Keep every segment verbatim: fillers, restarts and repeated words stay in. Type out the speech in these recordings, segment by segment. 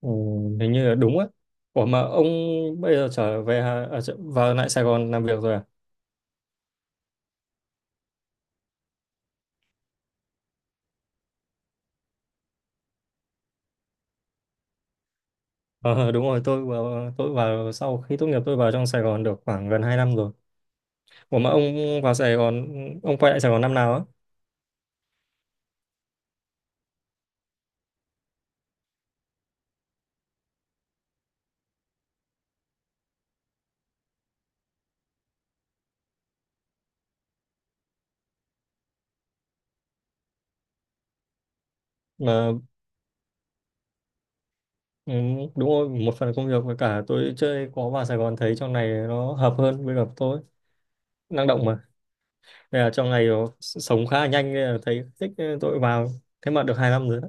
Ừ, Hình như là đúng á. Ủa mà ông bây giờ trở về Hà- à, trở- vào lại Sài Gòn làm việc rồi à? Ờ đúng rồi, tôi vào, tôi vào sau khi tốt nghiệp tôi vào trong Sài Gòn được khoảng gần hai năm rồi. Ủa mà ông vào Sài Gòn, ông quay lại Sài Gòn năm nào á? Mà ừ, Đúng rồi, một phần công việc với cả tôi chơi có vào Sài Gòn thấy trong này nó hợp hơn với cả tôi, năng động mà. Đây là trong này nó s- sống khá là nhanh nên là thấy thích nên tôi vào. Thế mà được hai năm rồi.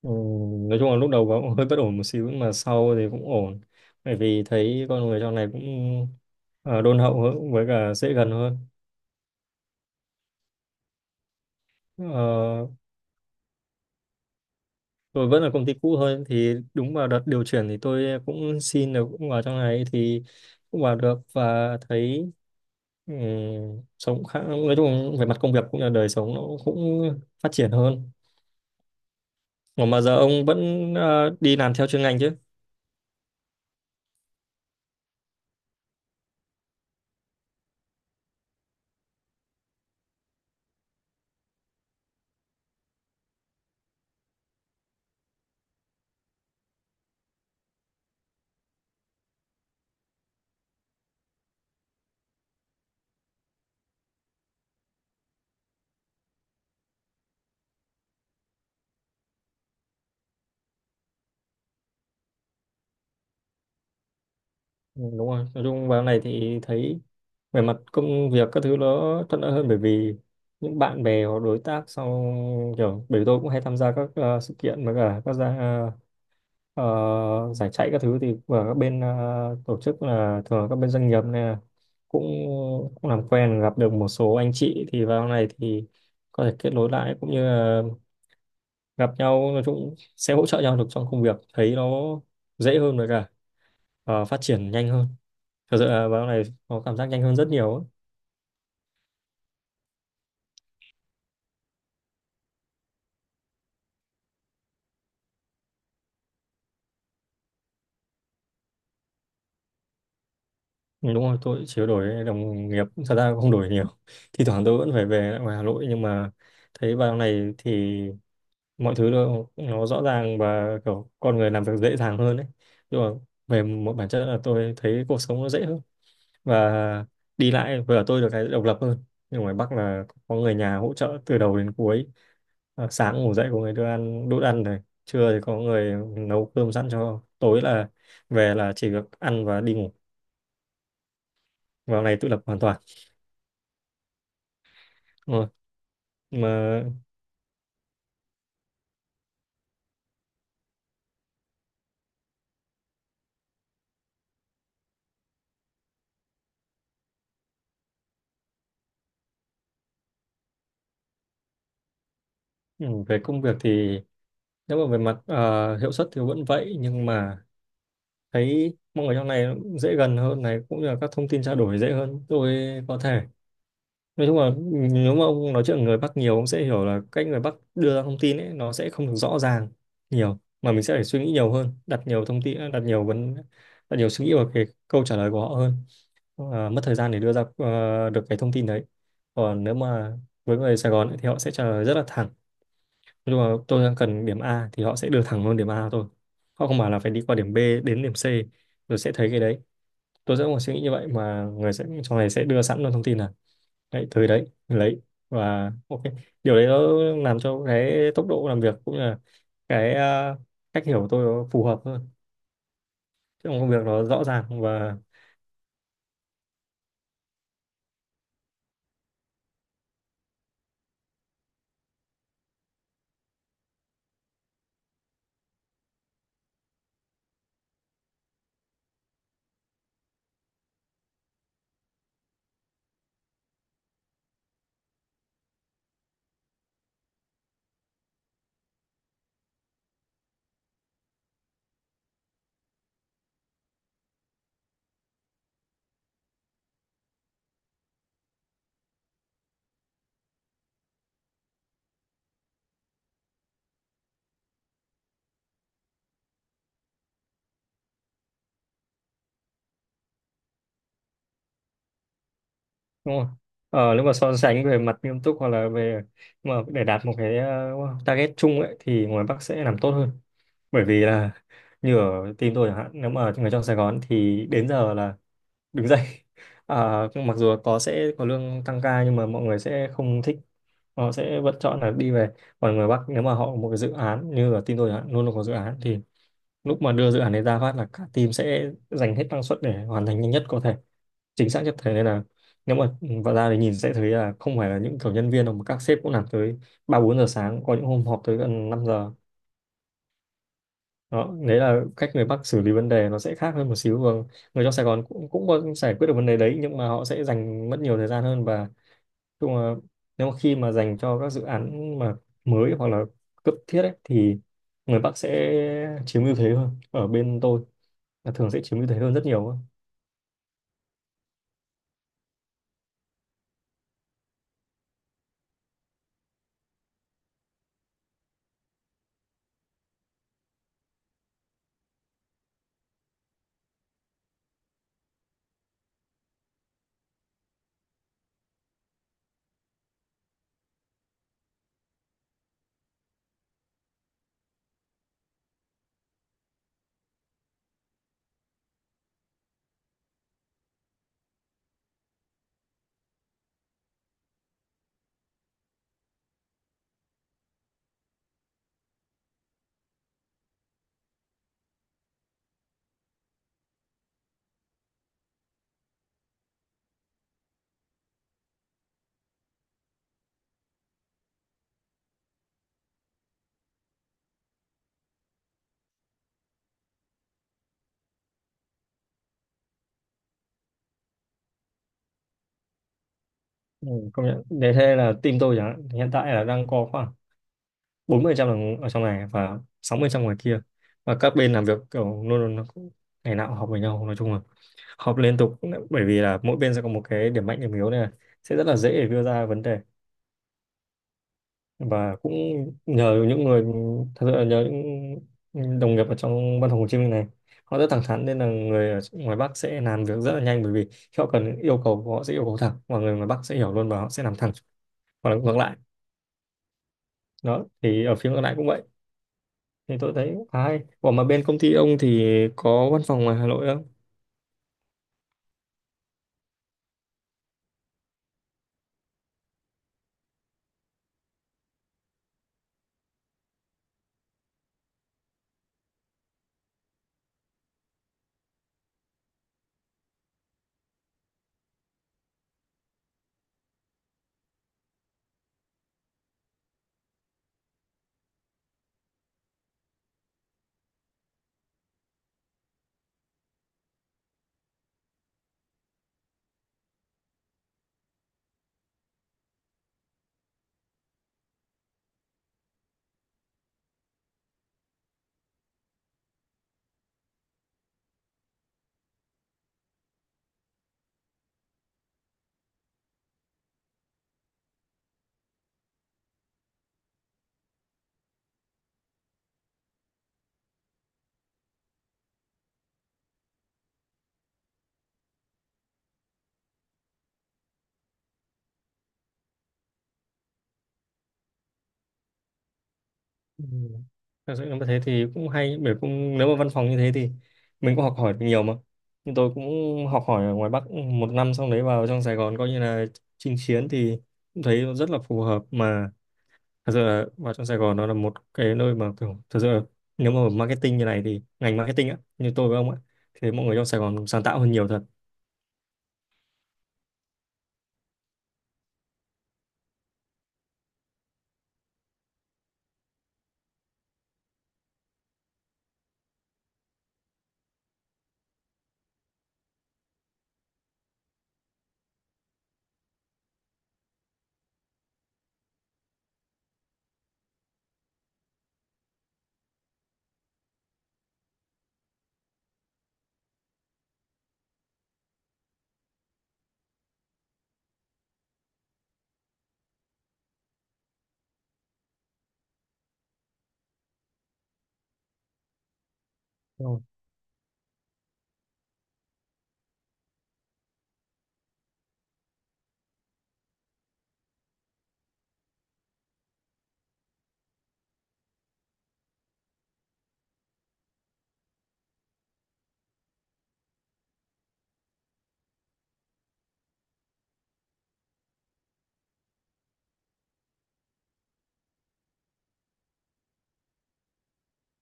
Ừ, nói chung là lúc đầu cũng hơi bất ổn một xíu nhưng mà sau thì cũng ổn, bởi vì thấy con người trong này cũng ờ, đôn hậu hơn với cả dễ gần hơn. Ờ, tôi vẫn là công ty cũ thôi, thì đúng vào đợt điều chuyển thì tôi cũng xin được cũng vào trong này, thì cũng vào được và thấy, ừ, sống khá, nói chung về mặt công việc cũng như là đời sống nó cũng phát triển hơn. Còn mà giờ ông vẫn ờ, đi làm theo chuyên ngành chứ? Ừ, đúng rồi, nói chung vào này thì thấy về mặt công việc các thứ nó thuận lợi hơn, bởi vì những bạn bè hoặc đối tác sau, kiểu bởi vì tôi cũng hay tham gia các ờ, sự kiện với cả các gia, ờ, giải chạy các thứ, thì và các bên ờ, tổ chức là thường là các bên doanh nghiệp này là cũng cũng làm quen gặp được một số anh chị, thì vào này thì có thể kết nối lại cũng như là gặp nhau, nói chung sẽ hỗ trợ nhau được trong công việc, thấy nó dễ hơn với cả, ờ, phát triển nhanh hơn, thật sự là vào này có cảm giác nhanh hơn rất nhiều ấy. Ừ, đúng rồi, tôi chỉ có đổi đồng nghiệp, thật ra cũng không đổi nhiều. Thì thoảng tôi vẫn phải về lại ngoài Hà Nội, nhưng mà thấy vào này thì mọi thứ nó, nó rõ ràng và kiểu con người làm việc dễ dàng hơn ấy. Nhưng mà về một bản chất là tôi thấy cuộc sống nó dễ hơn, và đi lại vừa tôi được cái độc lập hơn. Nhưng ngoài Bắc là có người nhà hỗ trợ từ đầu đến cuối. À, sáng ngủ dậy có người đưa ăn đút ăn này, trưa thì có người nấu cơm sẵn cho, tối là về là chỉ việc ăn và đi ngủ. Vào này tự lập hoàn toàn. Ờ, mà ừ, về công việc thì, nếu mà về mặt ờ, hiệu suất thì vẫn vậy, nhưng mà thấy mọi người trong này nó cũng dễ gần hơn, này cũng như là các thông tin trao đổi dễ hơn, tôi có thể, nói chung là, ừ, nếu mà ông nói chuyện với người Bắc nhiều, ông sẽ hiểu là cách người Bắc đưa ra thông tin ấy nó sẽ không được rõ ràng nhiều, mà mình sẽ phải suy nghĩ nhiều hơn, đặt nhiều thông tin, đặt nhiều vấn đặt nhiều suy nghĩ vào cái câu trả lời của họ hơn. Ờ, mất thời gian để đưa ra ờ, được cái thông tin đấy. Còn nếu mà với người Sài Gòn ấy, thì họ sẽ trả lời rất là thẳng, nhưng mà tôi đang cần điểm A thì họ sẽ đưa thẳng luôn điểm A thôi, họ không bảo là phải đi qua điểm B đến điểm C rồi sẽ thấy cái đấy, tôi sẽ có một suy nghĩ như vậy, mà người sẽ trong này sẽ đưa sẵn luôn thông tin là đấy tới đấy lấy, và ok, điều đấy nó làm cho cái tốc độ làm việc cũng như là cái ờ, cách hiểu của tôi nó phù hợp hơn, trong công việc nó rõ ràng và đúng không? Ờ, nếu mà so sánh về mặt nghiêm túc hoặc là về, mà để đạt một cái ờ, target chung ấy, thì ngoài Bắc sẽ làm tốt hơn, bởi vì là như ở team tôi chẳng hạn, nếu mà người trong Sài Gòn thì đến giờ là đứng dậy à, mặc dù có sẽ có lương tăng ca nhưng mà mọi người sẽ không thích, họ sẽ vẫn chọn là đi về. Còn người Bắc nếu mà họ có một cái dự án, như ở team tôi chẳng hạn luôn luôn có dự án, thì lúc mà đưa dự án đấy ra phát là cả team sẽ dành hết năng suất để hoàn thành nhanh nhất có thể, chính xác nhất có thể, nên là nếu mà vào ra thì nhìn sẽ thấy là không phải là những kiểu nhân viên đâu, mà các sếp cũng làm tới ba bốn giờ sáng, có những hôm họp tới gần năm giờ. Đó, đấy là cách người Bắc xử lý vấn đề nó sẽ khác hơn một xíu. Và người trong Sài Gòn cũng cũng có giải quyết được vấn đề đấy, nhưng mà họ sẽ dành mất nhiều thời gian hơn, và chung là nếu mà khi mà dành cho các dự án mà mới hoặc là cấp thiết ấy, thì người Bắc sẽ chiếm ưu thế hơn. Ở bên tôi là thường sẽ chiếm ưu thế hơn rất nhiều ấy. Ừ, công nhận, để thế là team tôi chẳng hạn thì hiện tại là đang có khoảng bốn mươi phần trăm là ở trong này và sáu mươi phần trăm ngoài kia, và các bên làm việc kiểu luôn luôn, nó cũng ngày nào cũng học với nhau, nói chung là họp liên tục, bởi vì là mỗi bên sẽ có một cái điểm mạnh điểm yếu này, sẽ rất là dễ để đưa ra vấn đề, và cũng nhờ những người, thật sự là nhờ những đồng nghiệp ở trong văn phòng Hồ Chí Minh này, họ rất thẳng thắn, nên là người ở ngoài Bắc sẽ làm việc rất là nhanh, bởi vì khi họ cần yêu cầu họ sẽ yêu cầu thẳng, và người ngoài Bắc sẽ hiểu luôn và họ sẽ làm thẳng, hoặc là ngược lại. Đó thì ở phía ngược lại cũng vậy, thì tôi thấy khá hay. Ủa mà bên công ty ông thì có văn phòng ngoài Hà Nội không? Ừ. Thật sự là thế thì cũng hay, bởi cũng nếu mà văn phòng như thế thì mình cũng học hỏi được nhiều mà. Nhưng tôi cũng học hỏi ở ngoài Bắc một năm, xong đấy vào trong Sài Gòn coi như là chinh chiến, thì cũng thấy rất là phù hợp mà. Thật sự là vào trong Sài Gòn nó là một cái nơi mà kiểu thật sự là, nếu mà marketing như này thì ngành marketing á, như tôi với ông á, thì mọi người trong Sài Gòn sáng tạo hơn nhiều thật. Đúng rồi.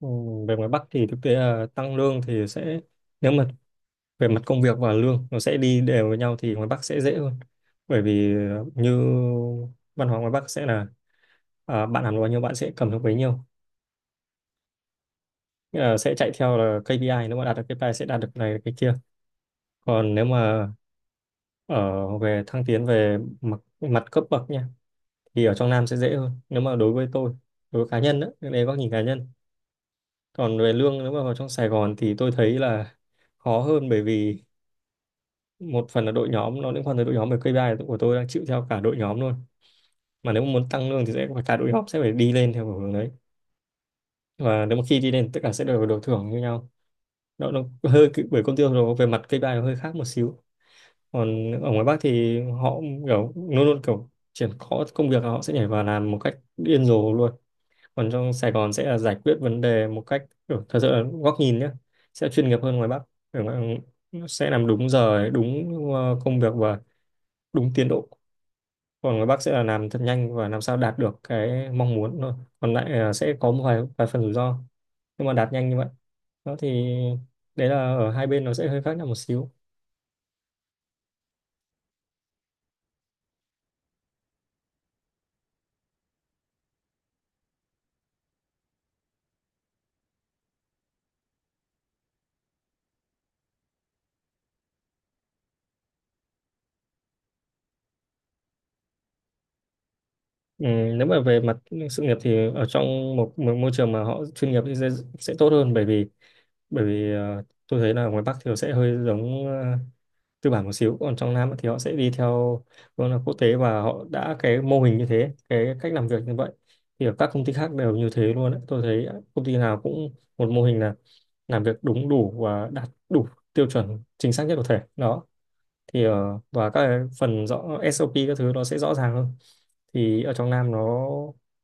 Ừ, về ngoài Bắc thì thực tế là tăng lương thì sẽ, nếu mà về mặt công việc và lương nó sẽ đi đều với nhau, thì ngoài Bắc sẽ dễ hơn, bởi vì ờ, như văn hóa ngoài Bắc sẽ là, ờ, bạn làm được bao nhiêu bạn sẽ cầm được bấy nhiêu. Nghĩa là sẽ chạy theo là ca pê i, nếu mà đạt được ca pê i sẽ đạt được này cái kia. Còn nếu mà ở về thăng tiến về mặt, mặt cấp bậc nha, thì ở trong Nam sẽ dễ hơn nếu mà đối với tôi, đối với cá nhân, đó đấy góc nhìn cá nhân. Còn về lương nếu mà vào trong Sài Gòn thì tôi thấy là khó hơn, bởi vì một phần là đội nhóm nó liên quan tới đội nhóm, về ca pê i của tôi đang chịu theo cả đội nhóm luôn, mà nếu mà muốn tăng lương thì sẽ phải cả đội hop, sẽ phải đi lên theo hướng đấy, và nếu mà khi đi lên tất cả sẽ đều được thưởng như nhau. Nó nó hơi cứ- bởi công ty nó về mặt ca pê i nó hơi khác một xíu. Còn ở ngoài Bắc thì họ kiểu luôn luôn, kiểu triển khó công việc là họ sẽ nhảy vào làm một cách điên rồ luôn. Còn trong Sài Gòn sẽ là giải quyết vấn đề một cách kiểu, thật sự là góc nhìn nhé, sẽ chuyên nghiệp hơn ngoài Bắc. Ở ngoài- nó sẽ làm đúng giờ đúng ờ, công việc và đúng tiến độ. Còn các bác sẽ là làm thật nhanh và làm sao đạt được cái mong muốn thôi, còn lại là sẽ có một vài, vài phần rủi ro, nhưng mà đạt nhanh như vậy. Đó thì đấy là ở hai bên nó sẽ hơi khác nhau một xíu. Ừ, nếu mà về mặt sự nghiệp thì ở trong một, một môi trường mà họ chuyên nghiệp thì sẽ, sẽ tốt hơn, bởi vì bởi vì ờ, tôi thấy là ngoài Bắc thì nó sẽ hơi giống ờ, tư bản một xíu, còn trong Nam thì họ sẽ đi theo vâng là quốc tế, và họ đã cái mô hình như thế, cái cách làm việc như vậy thì ở các công ty khác đều như thế luôn ấy. Tôi thấy công ty nào cũng một mô hình là làm việc đúng đủ và đạt đủ tiêu chuẩn chính xác nhất có thể. Đó thì ờ, và các cái phần rõ ét ô pê các thứ nó sẽ rõ ràng hơn, thì ở trong Nam nó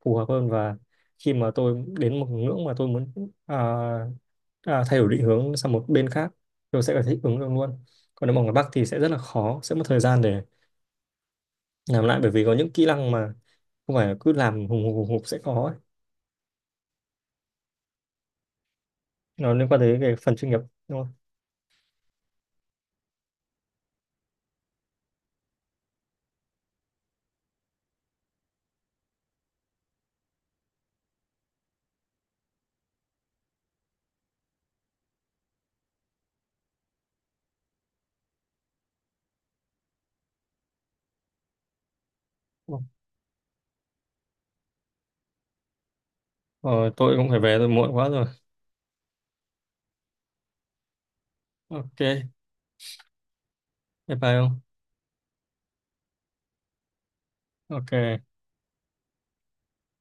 phù hợp hơn. Và khi mà tôi đến một ngưỡng mà tôi muốn, à, à, thay đổi định hướng sang một bên khác, tôi sẽ phải thích ứng được luôn. Còn nếu mà ở Bắc thì sẽ rất là khó, sẽ mất thời gian để làm lại, bởi vì có những kỹ năng mà không phải cứ làm hùng hục hùng hục sẽ có ấy. Nó liên quan tới cái phần chuyên nghiệp đúng không? Ờ, tôi cũng phải về tôi muộn quá rồi. Ok, bye bye không. Ok